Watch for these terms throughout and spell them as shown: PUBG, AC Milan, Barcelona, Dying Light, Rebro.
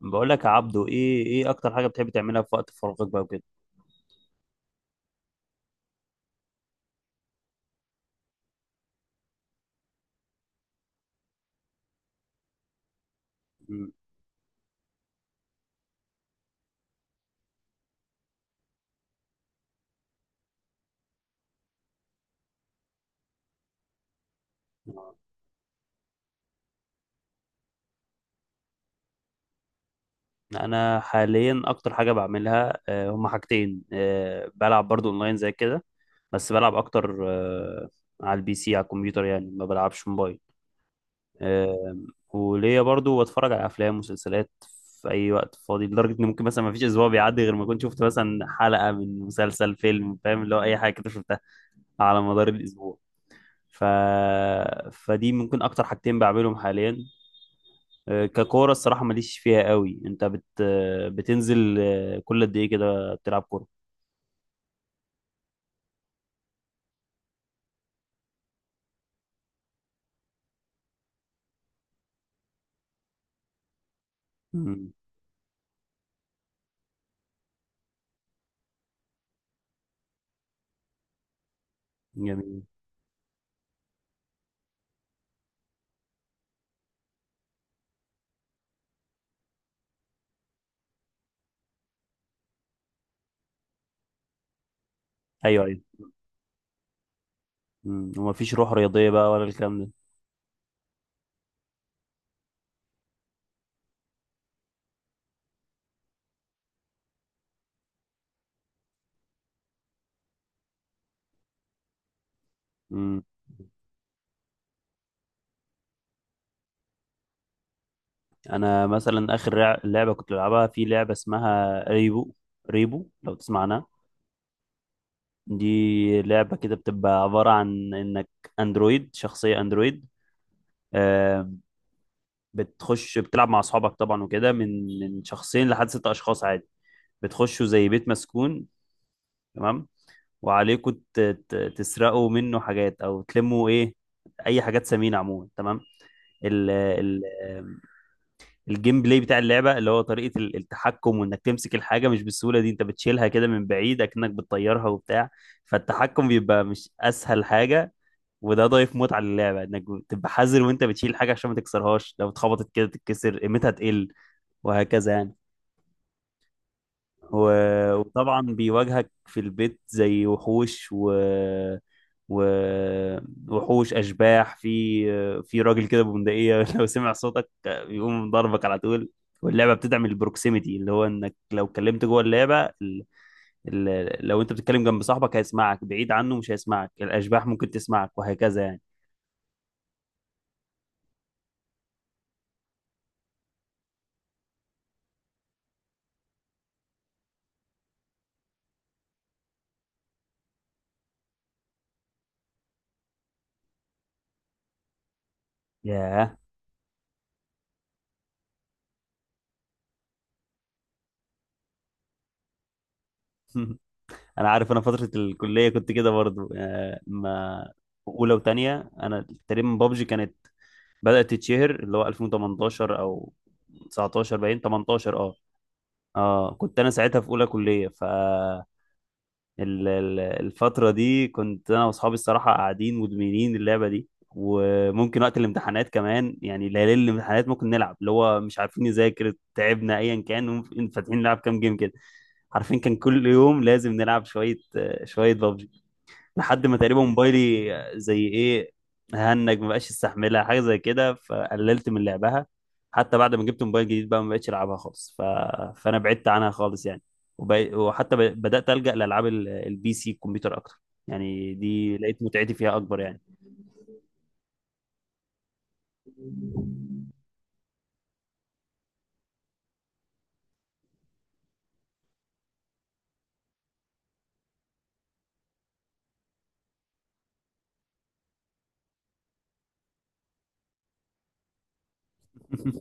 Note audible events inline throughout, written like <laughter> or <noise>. بقول لك يا عبدو، ايه اكتر حاجه بتحب تعملها في وقت فراغك بقى وكده؟ مم. انا حاليا اكتر حاجه بعملها هما حاجتين. بلعب برضو اونلاين زي كده، بس بلعب اكتر. على البي سي، على الكمبيوتر يعني، ما بلعبش موبايل. آه، وليا برضو بتفرج على افلام ومسلسلات في اي وقت فاضي، لدرجه ان ممكن مثلا ما فيش اسبوع بيعدي غير ما اكون شفت مثلا حلقه من مسلسل، فيلم، فاهم؟ اللي هو اي حاجه كده شفتها على مدار الاسبوع. ف... فدي ممكن اكتر حاجتين بعملهم حاليا. ككورة، الصراحة ماليش فيها قوي. انت بت آه، بتنزل، كل قد ايه كده بتلعب كورة؟ مم. جميل. ايوه ايوه. مم. ومفيش روح رياضية بقى ولا الكلام ده؟ مم. انا مثلا اخر لعبة كنت بلعبها في لعبة اسمها ريبو. ريبو، لو تسمع عنها. دي لعبة كده بتبقى عبارة عن انك شخصية اندرويد. آه، بتخش بتلعب مع اصحابك طبعا وكده، من شخصين لحد ست اشخاص عادي. بتخشوا زي بيت مسكون، تمام، وعليكم تسرقوا منه حاجات او تلموا ايه، اي حاجات ثمينه عموما، تمام. ال ال الجيم بلاي بتاع اللعبه، اللي هو طريقه التحكم، وانك تمسك الحاجه مش بالسهوله دي، انت بتشيلها كده من بعيد، اكنك بتطيرها وبتاع. فالتحكم بيبقى مش اسهل حاجه، وده ضايف متعه للعبه، انك تبقى حذر وانت بتشيل حاجه عشان ما تكسرهاش، لو اتخبطت كده تتكسر، قيمتها تقل، وهكذا يعني. وطبعا بيواجهك في البيت زي وحوش و... وحوش، اشباح، في راجل كده ببندقيه <laughs> لو سمع صوتك بيقوم ضربك على طول. واللعبه بتدعم البروكسيميتي، اللي هو انك لو كلمت جوه اللعبه، لو انت بتتكلم جنب صاحبك هيسمعك، بعيد عنه مش هيسمعك، الاشباح ممكن تسمعك، وهكذا يعني. ياه. <laughs> انا عارف، انا فتره الكليه كنت كده برضو. آه، ما اولى وتانية انا تقريبا، بابجي كانت بدأت تتشهر اللي هو 2018 او 19، باين 18. اه اه كنت انا ساعتها في اولى كلية، الفترة دي كنت انا واصحابي الصراحة قاعدين مدمنين اللعبة دي. وممكن وقت الامتحانات كمان، يعني ليالي الامتحانات ممكن نلعب، اللي هو مش عارفين نذاكر، تعبنا، ايا كان، وممكن فاتحين نلعب كام جيم كده. عارفين كان كل يوم لازم نلعب شوية شوية، لحد ما تقريبا موبايلي زي ايه، هنج، ما بقاش يستحملها، حاجه زي كده، فقللت من لعبها. حتى بعد ما جبت موبايل جديد بقى، ما بقتش العبها خالص. فانا بعدت عنها خالص يعني. وحتى بدات الجا لالعاب البي سي، الكمبيوتر اكتر، يعني دي لقيت متعتي فيها اكبر يعني. <laughs>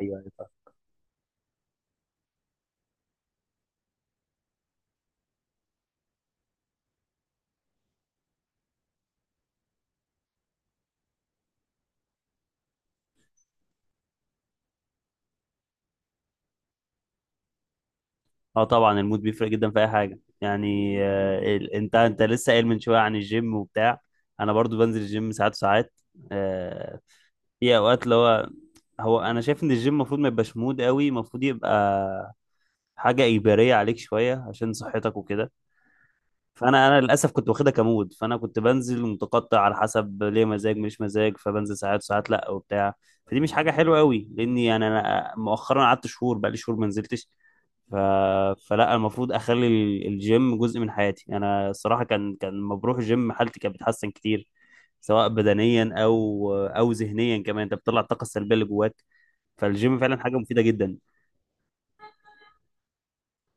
ايوه، أيوة، فاهم. اه طبعا، المود بيفرق جدا في اي حاجه يعني. انت لسه قايل من شويه عن الجيم وبتاع، انا برضو بنزل الجيم ساعات وساعات. آه، في اوقات اللي هو، هو انا شايف ان الجيم المفروض ما يبقاش مود قوي، المفروض يبقى حاجه اجباريه عليك شويه عشان صحتك وكده. فانا للاسف كنت واخدها كمود، فانا كنت بنزل متقطع على حسب ليه مزاج مش مزاج، فبنزل ساعات ساعات لا وبتاع. فدي مش حاجه حلوه قوي، لاني يعني انا مؤخرا قعدت شهور، بقى لي شهور ما نزلتش. ف... فلا، المفروض اخلي الجيم جزء من حياتي. انا الصراحه كان لما بروح الجيم حالتي كانت بتتحسن كتير، سواء بدنيا او ذهنيا كمان، انت بتطلع الطاقه السلبيه اللي جواك. فالجيم فعلا حاجه مفيده جدا.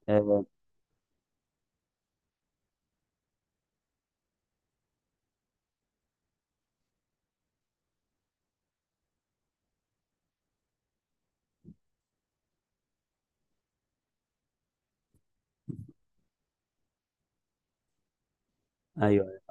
آه، ايوه.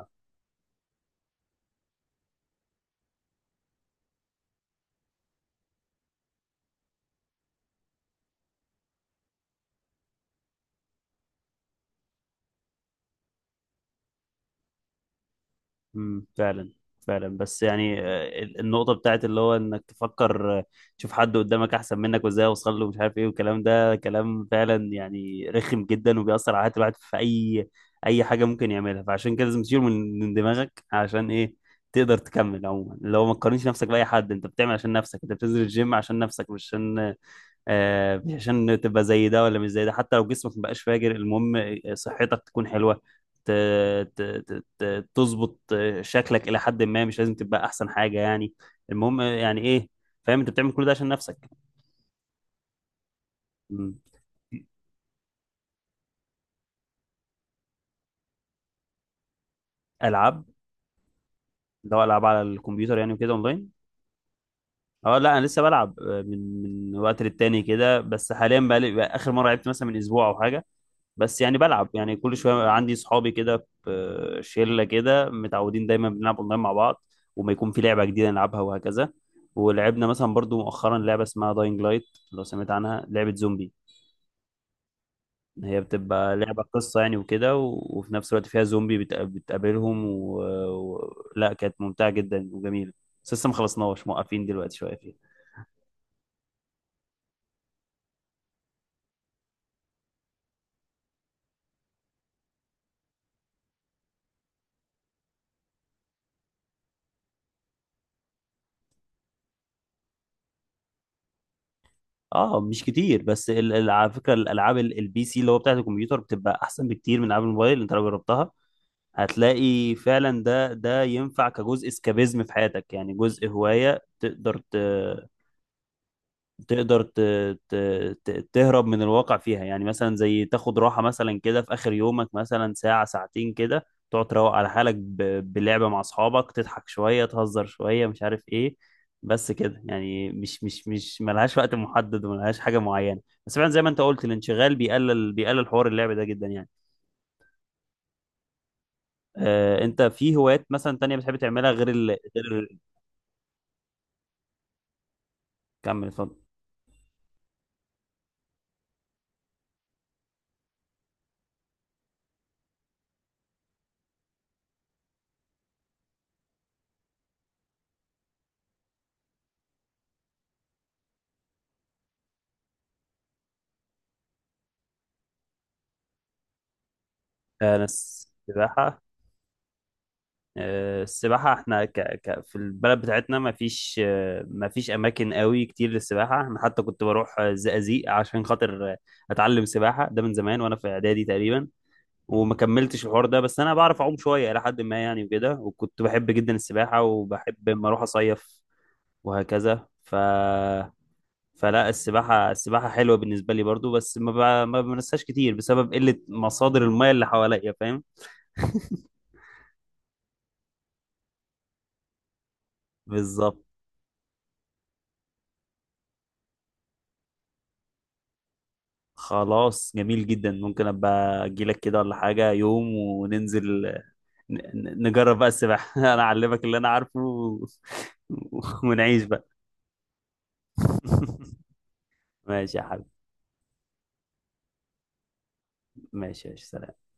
فعلا، فعلا. بس يعني، النقطة بتاعت اللي هو انك تفكر، تشوف حد قدامك احسن منك، وازاي اوصل له، مش عارف ايه، والكلام ده، كلام فعلا يعني رخم جدا، وبيأثر على حياة الواحد في اي حاجة ممكن يعملها. فعشان كده لازم تشيله من دماغك، عشان ايه؟ تقدر تكمل عموما، اللي هو ما تقارنش نفسك بأي حد، انت بتعمل عشان نفسك، انت بتنزل الجيم عشان نفسك، مش عشان، عشان تبقى زي ده ولا مش زي ده. حتى لو جسمك مبقاش فاجر، المهم صحتك تكون حلوة، ت- تظبط شكلك إلى حد ما، مش لازم تبقى أحسن حاجة يعني، المهم يعني إيه، فاهم؟ أنت بتعمل كل ده عشان نفسك. مم. ألعاب؟ ده ألعاب على الكمبيوتر يعني وكده أونلاين؟ أه لا، أنا لسه بلعب. من وقت للتاني كده، بس حاليا بقى، بقى آخر مرة لعبت مثلا من أسبوع أو حاجة. بس يعني بلعب يعني كل شويه، عندي صحابي كده في شله كده متعودين دايما بنلعب اونلاين مع بعض، وما يكون في لعبه جديده نلعبها وهكذا. ولعبنا مثلا برضو مؤخرا لعبه اسمها داينج لايت، لو سمعت عنها، لعبه زومبي. هي بتبقى لعبه قصه يعني وكده، وفي نفس الوقت فيها زومبي بتقابلهم لا، كانت ممتعه جدا وجميله. بس لسه ما خلصناش، موقفين دلوقتي شويه فيها. اه مش كتير، بس على فكره، الالعاب البي سي، اللي هو بتاعت الكمبيوتر، بتبقى احسن بكتير من العاب الموبايل. انت لو جربتها هتلاقي فعلا، ده ينفع كجزء اسكابيزم في حياتك يعني، جزء هواية، تقدر ت... تهرب من الواقع فيها يعني. مثلا زي تاخد راحة مثلا كده في آخر يومك، مثلا ساعة ساعتين كده، تقعد تروق على حالك بلعبة مع أصحابك، تضحك شوية، تهزر شوية، مش عارف إيه. بس كده يعني، مش ملهاش وقت محدد وملهاش حاجة معينة. بس فعلا زي ما أنت قلت، الانشغال بيقلل حوار اللعب ده جدا يعني. انت في هوايات مثلا تانية بتحب تعملها غير غير كمل، اتفضل. انا السباحة، السباحة، في البلد بتاعتنا ما فيش، ما فيش اماكن قوي كتير للسباحة. انا حتى كنت بروح الزقازيق عشان خاطر اتعلم سباحة، ده من زمان وانا في اعدادي تقريبا، وما كملتش الحوار ده. بس انا بعرف اعوم شوية الى حد ما يعني وكده، وكنت بحب جدا السباحة، وبحب اما اروح اصيف وهكذا. فلا، السباحة حلوة بالنسبة لي برضو، بس ما بمارسهاش كتير بسبب قلة مصادر المياه اللي حواليا، فاهم؟ <laughs> بالظبط. خلاص، جميل جدا. ممكن ابقى اجيلك كده ولا حاجة يوم وننزل نجرب بقى السباحة <laughs> انا اعلمك اللي انا عارفه <laughs> ونعيش بقى. <laughs> ماشي يا حبيبي. ماشي، ماشي، سلام.